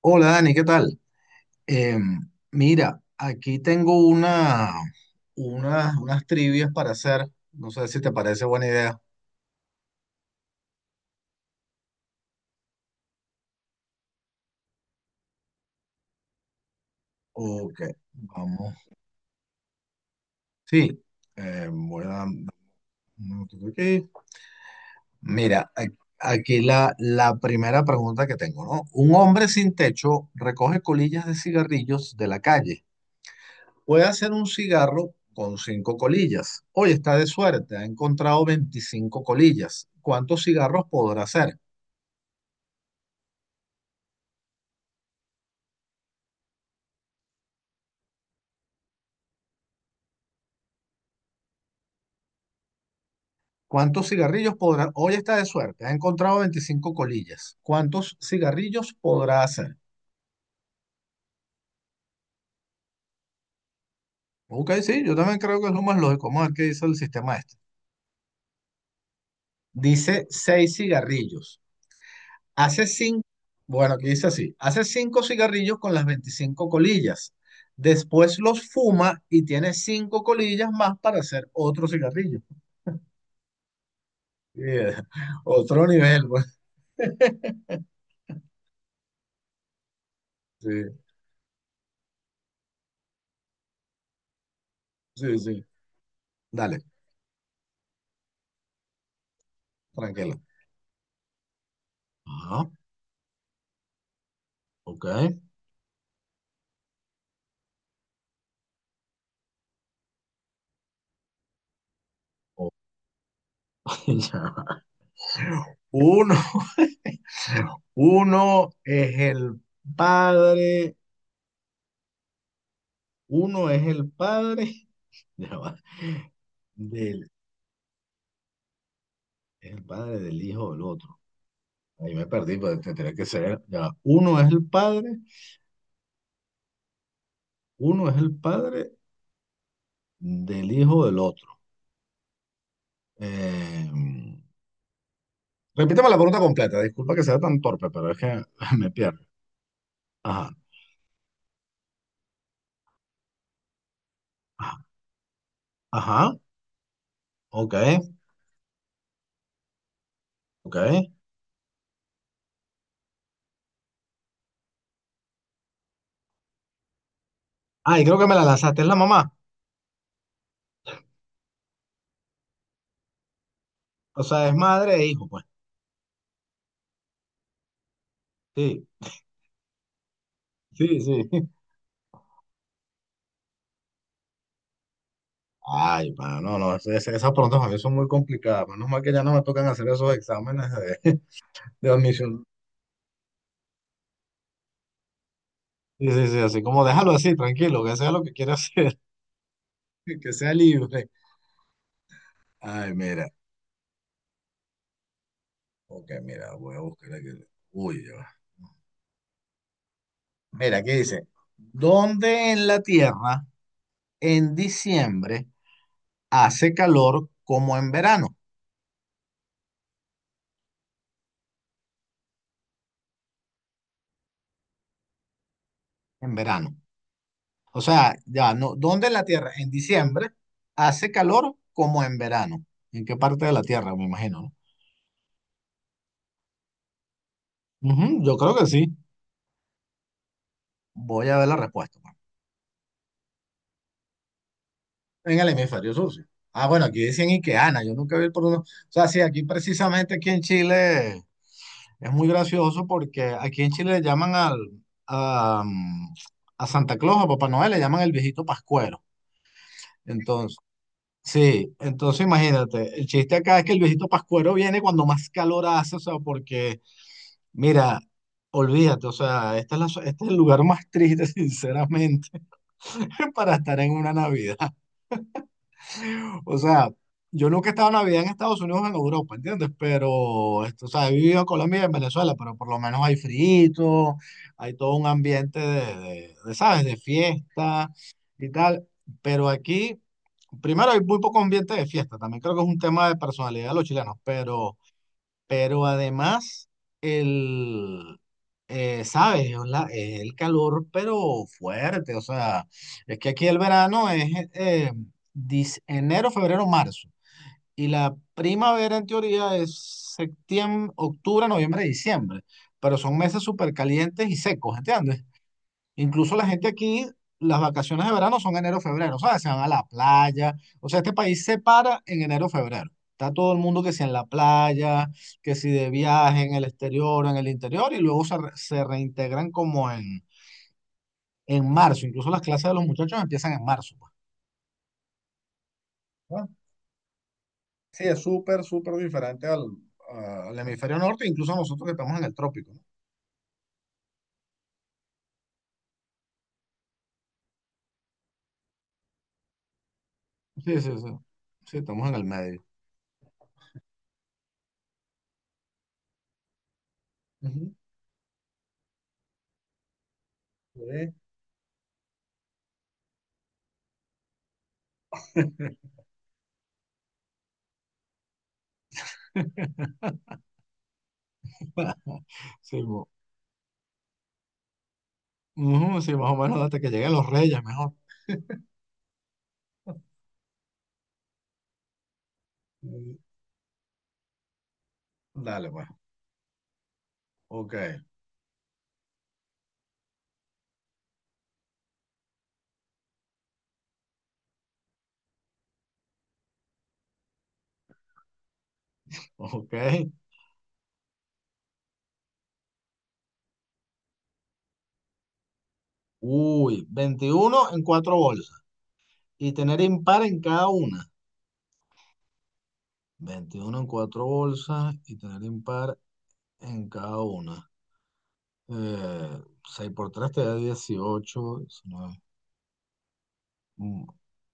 Hola Dani, ¿qué tal? Mira, aquí tengo unas trivias para hacer. No sé si te parece buena idea. Ok, vamos. Sí, voy a dar un minutito aquí. Mira, aquí la primera pregunta que tengo, ¿no? Un hombre sin techo recoge colillas de cigarrillos de la calle. Puede hacer un cigarro con cinco colillas. Hoy está de suerte, ha encontrado 25 colillas. ¿Cuántos cigarros podrá hacer? ¿Cuántos cigarrillos podrá? Hoy está de suerte, ha encontrado 25 colillas. ¿Cuántos cigarrillos podrá hacer? Ok, sí, yo también creo que es lo más lógico. Vamos a ver qué dice el sistema este. Dice 6 cigarrillos. Hace cinco bueno, aquí dice así, hace 5 cigarrillos con las 25 colillas. Después los fuma y tiene 5 colillas más para hacer otro cigarrillo. Yeah, otro nivel, pues. Sí, sí, sí. Dale, tranquilo. Ajá, ok. Ok, ya va. Uno. Uno es el padre, uno es el padre, ya va, del, es el padre del hijo del otro. Ahí me perdí, pero tendría que ser, ya va. Uno es el padre del hijo del otro. Eh, Repítame la pregunta completa, disculpa que sea tan torpe, pero es que me pierdo. Ajá, ajá, ajá, ok, ok. Ay, creo que me la lanzaste, es la mamá. O sea, es madre e hijo, pues. Sí, sí, sí. Ay, mano, no, no, esas preguntas para mí son muy complicadas. Menos mal que ya no me tocan hacer esos exámenes de, de admisión. Sí, sí, sí, así como déjalo así, tranquilo, que sea lo que quiera hacer, que sea libre. Ay, mira, ok, mira, voy a buscar aquí. Uy, ya va. Mira, ¿dónde en la Tierra en diciembre hace calor como en verano? En verano. O sea, ya, no, ¿dónde en la Tierra en diciembre hace calor como en verano? ¿En qué parte de la Tierra, me imagino, no? Ujú, yo creo que sí. Voy a ver la respuesta, mano. En el hemisferio sur, sí. Ah, bueno, aquí decían Iqueana, yo nunca vi el uno. O sea, sí, aquí precisamente aquí en Chile. Es muy gracioso porque aquí en Chile le llaman a, mm, a Santa Claus, a Papá Noel, le llaman el viejito Pascuero. Entonces, sí, entonces imagínate, el chiste acá es que el viejito Pascuero viene cuando más calor hace, o sea, porque, mira, olvídate, o sea, esta es la, so, este es el lugar más triste, sinceramente, para estar en una Navidad. O sea, yo nunca he estado en Navidad en Estados Unidos o en Europa, ¿entiendes? Pero, esto, o sea, he vivido en Colombia y en Venezuela, pero por lo menos hay frito, hay todo un ambiente de, ¿sabes? De fiesta y tal. Pero aquí, primero hay muy poco ambiente de fiesta, también creo que es un tema de personalidad de los chilenos, pero... Pero además, el, sabes, es el calor, pero fuerte. O sea, es que aquí el verano es eh, enero, febrero, marzo. Y la primavera, en teoría, es septiembre, octubre, noviembre, diciembre. Pero son meses súper calientes y secos, ¿entiendes? Incluso la gente aquí, las vacaciones de verano son enero, febrero, ¿sabes? Se van a la playa. O sea, este país se para en enero, febrero. Está todo el mundo que si en la playa, que si de viaje, en el exterior, en el interior, y luego se reintegran como en marzo. Incluso las clases de los muchachos empiezan en marzo, pues, ¿no? Sí, es súper, súper diferente al hemisferio norte, incluso nosotros que estamos en el trópico, ¿no? Sí, sí, sí. Sí, estamos en el medio. Ujú. Sí. Sí, ujú, sí, más o menos hasta que lleguen los reyes, mejor. Mm, dale, pues. Ok, ok. Uy, 21 en cuatro bolsas y tener impar en cada una. 21 en cuatro bolsas y tener impar en cada una. Eh, 6 por 3 te da 18 19. Mm.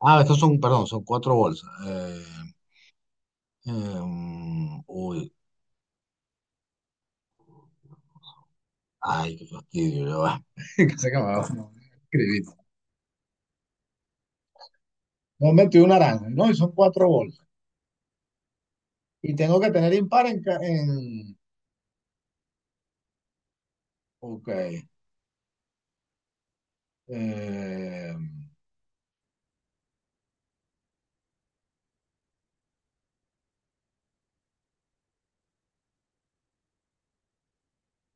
Ah, estos son, perdón, son cuatro bolsas. Eh, uy, ay, qué fastidio, ya va. Sé que me va a escribir. Son 21 naranjas, ¿no? Y son cuatro bolsas. Y tengo que tener impar en... ca- en. Ok. eh,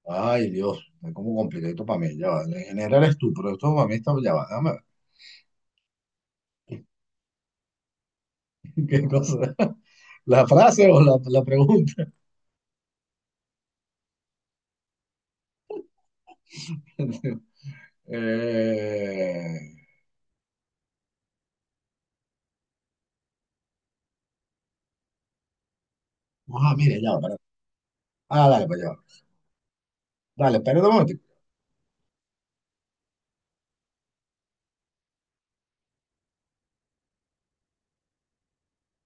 Ay, Dios, es como complicadito para mí. Ya va. En general es tú, pero esto para mí está. Ya va, déjame ver. ¿Qué cosa? ¿La frase o la pregunta? Eh, Mire, ya va. Ah, dale, pues ya va. Dale, espera un momento.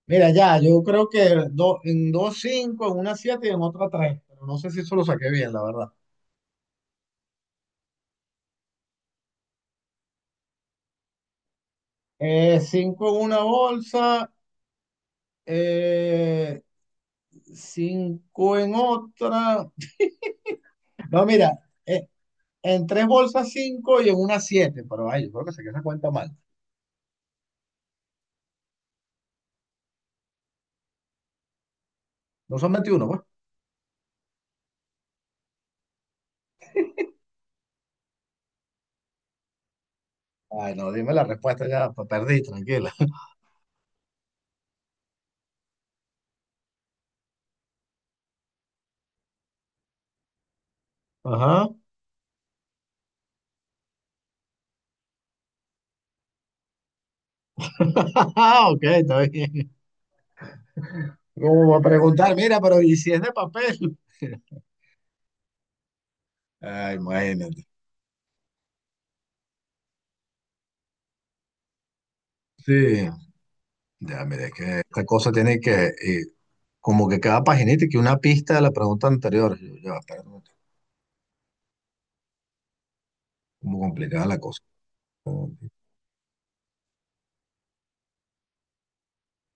Mira, ya, yo creo que en dos cinco, en una siete y en otra tres. Pero no sé si eso lo saqué bien, la verdad. Cinco en una bolsa. Eh, Cinco en otra. No, mira, eh, en tres bolsas cinco y en una siete. Pero ay, yo creo que se esa cuenta mal. No son 21 pues. Ay, no, dime la respuesta ya, pues, perdí, tranquila. Ajá. Ok, está bien. ¿Cómo va a preguntar? Mira, pero ¿y si es de papel? Ay, imagínate. Sí, ya, mire, es que esta cosa tiene que, como que cada paginita, que una pista de la pregunta anterior. Yo, ya, espérate, como complicada la cosa.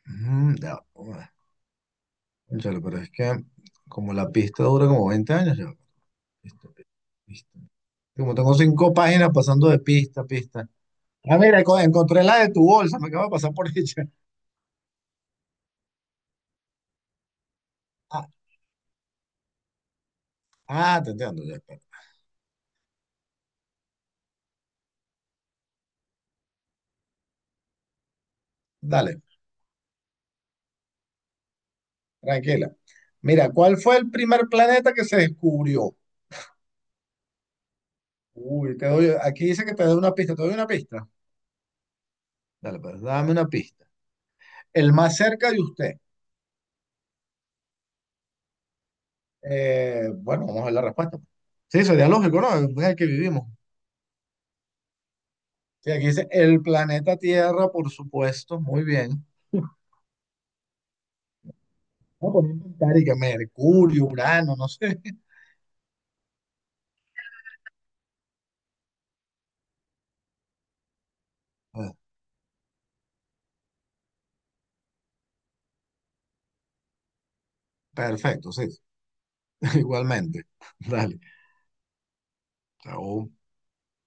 Mm, ya, bueno, cónchale, pero es que como la pista dura como 20 años, yo, pista, pista, pista. Como tengo cinco páginas pasando de pista a pista. Ah, mira, encontré la de tu bolsa, me acabo de pasar por ella. Ah, ah, te entiendo, ya, espera. Dale, tranquila. Mira, ¿cuál fue el primer planeta que se descubrió? Uy, aquí dice que te doy una pista, ¿te doy una pista? Dale, pues dame una pista. El más cerca de usted. Bueno, vamos a ver la respuesta. Sí, sería lógico, ¿no? Es el que vivimos. Sí, aquí dice el planeta Tierra, por supuesto, muy bien. Vamos a poner inventar y que Mercurio, Urano, no sé. Ah, perfecto, sí, igualmente. Dale, chao.